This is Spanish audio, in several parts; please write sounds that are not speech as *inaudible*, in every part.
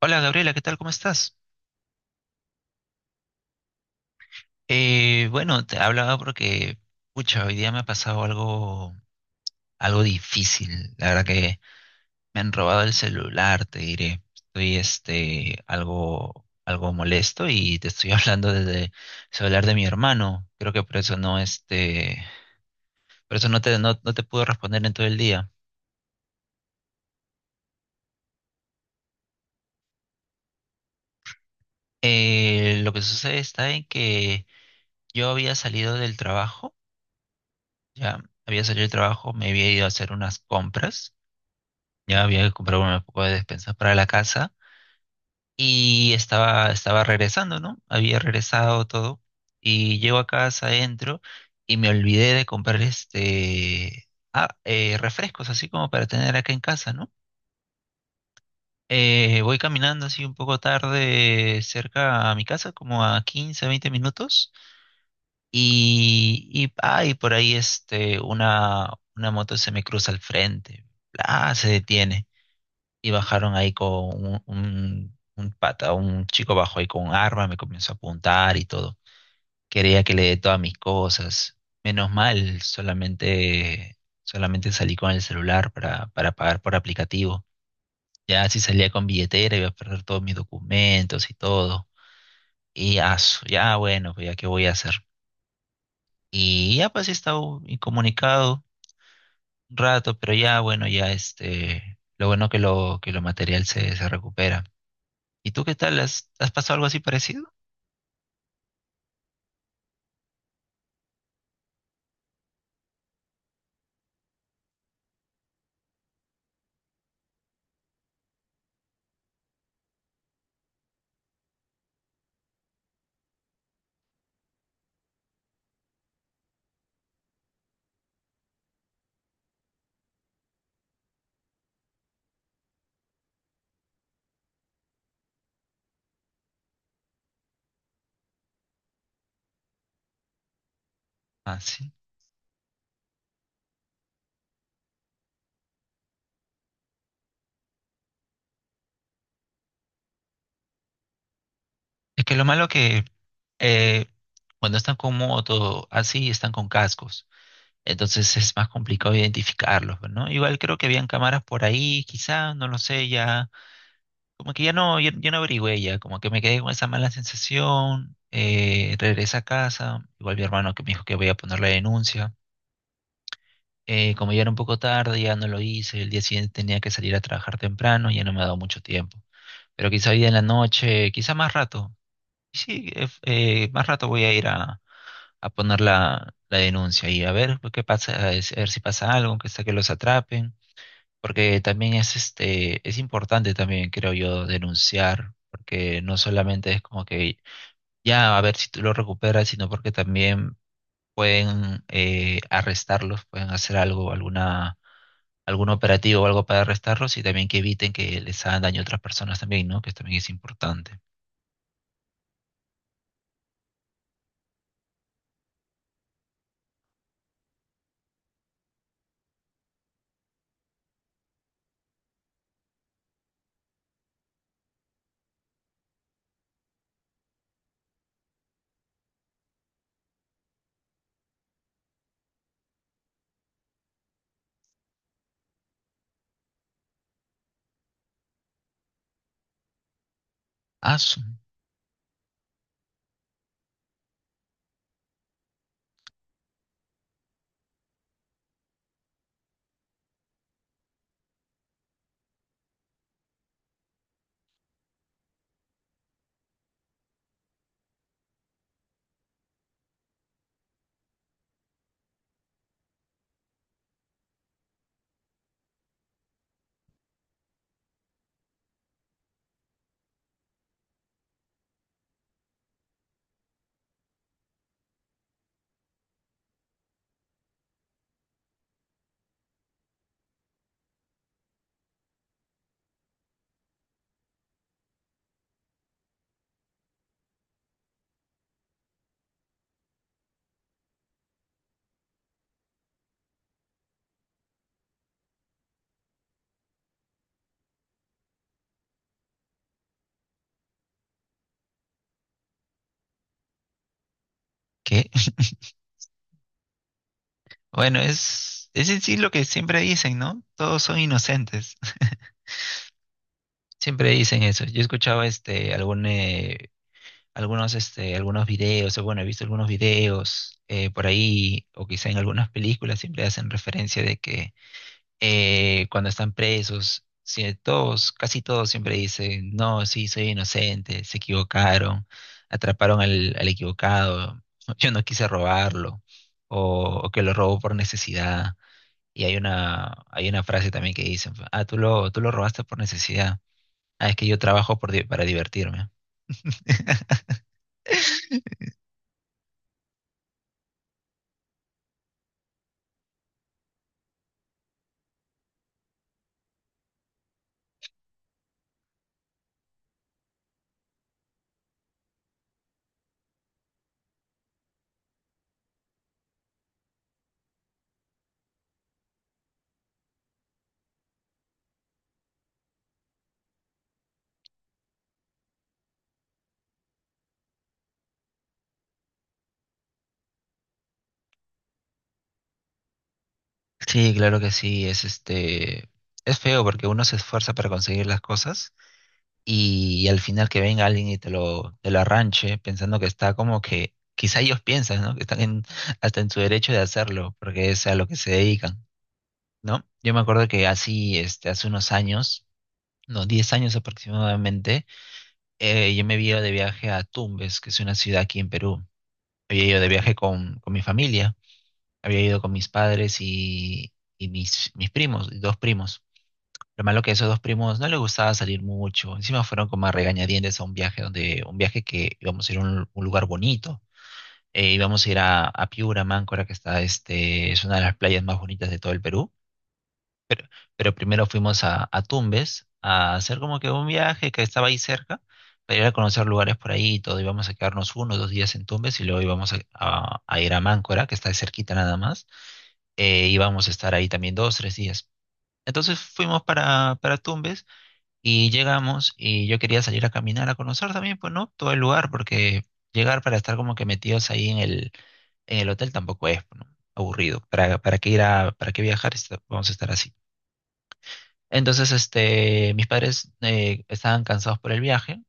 Hola Gabriela, ¿qué tal? ¿Cómo estás? Bueno, te hablaba porque, pucha, hoy día me ha pasado algo difícil. La verdad que me han robado el celular, te diré. Estoy algo molesto y te estoy *laughs* hablando desde el celular de mi hermano. Creo que por eso no, por eso no te puedo responder en todo el día. Lo que sucede está en que yo había salido del trabajo, ya había salido del trabajo, me había ido a hacer unas compras. Ya había comprado una poco de despensas para la casa y estaba regresando, ¿no? Había regresado todo y llego a casa, entro y me olvidé de comprar refrescos, así como para tener acá en casa, ¿no? Voy caminando así un poco tarde cerca a mi casa, como a 15 20 minutos y por ahí una moto se me cruza al frente, se detiene. Y bajaron ahí con un chico bajo ahí con un arma, me comenzó a apuntar y todo. Quería que le dé todas mis cosas. Menos mal, solamente salí con el celular para pagar por aplicativo. Ya si salía con billetera iba a perder todos mis documentos y todo. Y ya, bueno, pues ya qué voy a hacer. Y ya pues he estado incomunicado un rato, pero ya bueno, ya lo bueno que que lo material se recupera. ¿Y tú qué tal? ¿Has pasado algo así parecido? Ah, sí. Es que lo malo que eh, cuando están con moto, así están con cascos. Entonces es más complicado identificarlos, pues, ¿no? Igual creo que habían cámaras por ahí, quizá, no lo sé, ya. Como que ya no averigüé ya, como que me quedé con esa mala sensación. Regresé a casa, igual mi hermano que me dijo que voy a poner la denuncia. Como ya era un poco tarde, ya no lo hice, el día siguiente tenía que salir a trabajar temprano, ya no me ha dado mucho tiempo. Pero quizá hoy día en la noche, quizá más rato. Sí, más rato voy a ir a poner la denuncia y a ver pues, qué pasa, a ver si pasa algo, que sea que los atrapen, porque también es es importante también, creo yo, denunciar, porque no solamente es como que ya a ver si tú lo recuperas, sino porque también pueden arrestarlos, pueden hacer algo, alguna algún operativo o algo para arrestarlos y también que eviten que les hagan daño a otras personas también, ¿no? Que también es importante. Asu, ¿qué? *laughs* Bueno, es en sí lo que siempre dicen, ¿no? Todos son inocentes. *laughs* Siempre dicen eso. Yo he escuchado algunos videos, o bueno, he visto algunos videos por ahí, o quizá en algunas películas siempre hacen referencia de que cuando están presos, todos, casi todos siempre dicen, no, sí, soy inocente, se equivocaron, atraparon al equivocado, *laughs* yo no quise robarlo, o que lo robó por necesidad. Y hay una frase también que dicen, tú lo robaste por necesidad. Ah, es que yo trabajo para divertirme. *laughs* Sí, claro que sí, es es feo porque uno se esfuerza para conseguir las cosas y, al final que venga alguien y te lo arranche pensando que está como que, quizá ellos piensan, ¿no? Que están hasta en su derecho de hacerlo porque es a lo que se dedican, ¿no? Yo me acuerdo que así, hace unos años, no, 10 años aproximadamente, yo me había ido de viaje a Tumbes, que es una ciudad aquí en Perú. Había ido de viaje con mi familia, había ido con mis padres y mis primos, y dos primos. Lo malo que a esos dos primos no les gustaba salir mucho. Encima fueron como a regañadientes a un viaje donde, un viaje que íbamos a ir a un lugar bonito. Íbamos a ir a Piura, Máncora, que es una de las playas más bonitas de todo el Perú. Pero primero fuimos a Tumbes a hacer como que un viaje que estaba ahí cerca, para ir a conocer lugares por ahí y todo. Íbamos a quedarnos 1 o 2 días en Tumbes y luego íbamos a ir a Máncora, que está ahí cerquita nada más. Íbamos a estar ahí también 2, 3 días. Entonces fuimos para Tumbes y llegamos y yo quería salir a caminar, a conocer también, pues no, todo el lugar, porque llegar para estar como que metidos ahí en en el hotel tampoco es, ¿no? Aburrido. ¿Para qué ir para qué viajar? Vamos a estar así. Entonces, mis padres estaban cansados por el viaje,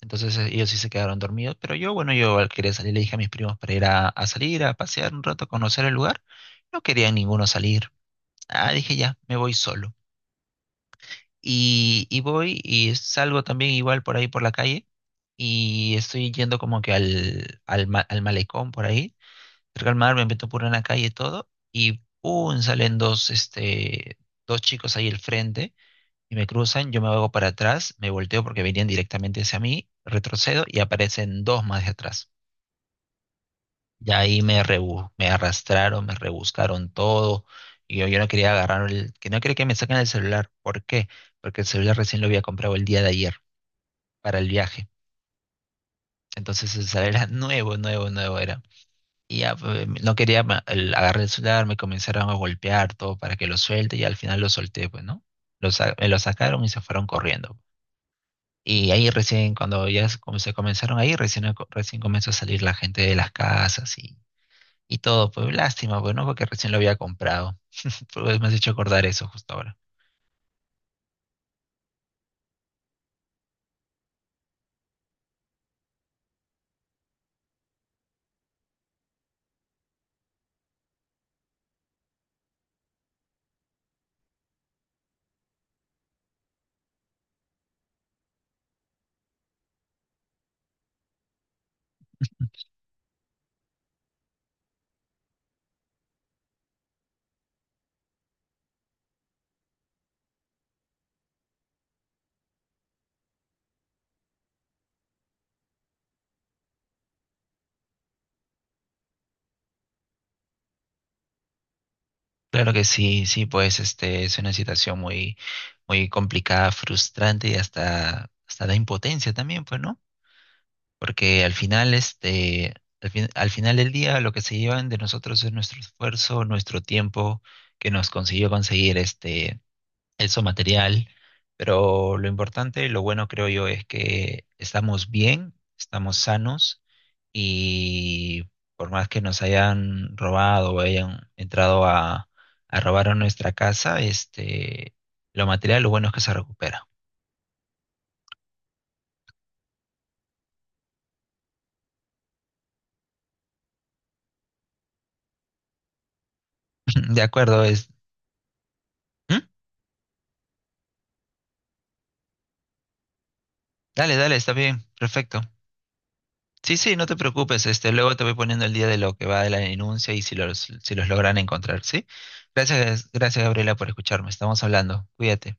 entonces ellos sí se quedaron dormidos, pero yo, bueno, yo al querer salir le dije a mis primos para ir a salir, a pasear un rato, a conocer el lugar. No querían ninguno salir. Ah, dije ya, me voy solo. Y voy y salgo también igual por ahí por la calle y estoy yendo como que al malecón por ahí, cerca al mar, me meto por una calle y todo y ¡pum! Salen dos, dos chicos ahí al frente y me cruzan, yo me hago para atrás, me volteo porque venían directamente hacia mí, retrocedo y aparecen dos más de atrás. Ya ahí me arrastraron, me rebuscaron todo. Y yo no quería agarrar que no quería que me saquen el celular. ¿Por qué? Porque el celular recién lo había comprado el día de ayer para el viaje. Entonces el celular era nuevo, nuevo, nuevo era. Y ya pues, no quería agarrar el celular, me comenzaron a golpear todo para que lo suelte y al final lo solté, pues, ¿no? Me lo sacaron y se fueron corriendo. Y ahí recién, cuando ya se comenzaron ahí, recién, recién comenzó a salir la gente de las casas y todo. Pues lástima, pues no, porque recién lo había comprado. *laughs* Pues me has hecho acordar eso justo ahora. Claro que sí, sí, pues este es una situación muy, muy complicada, frustrante y hasta da impotencia también, pues, ¿no? Porque al final, al final del día lo que se llevan de nosotros es nuestro esfuerzo, nuestro tiempo que nos consiguió conseguir eso material, pero lo importante, lo bueno creo yo es que estamos bien, estamos sanos y por más que nos hayan robado o hayan entrado a robar a nuestra casa, lo material, lo bueno es que se recupera. *laughs* De acuerdo. ¿Mm? Dale, dale, está bien, perfecto. Sí, sí, no te preocupes, luego te voy poniendo el día de lo que va de la denuncia y si los logran encontrar, ¿sí? Gracias, gracias Gabriela por escucharme, estamos hablando, cuídate.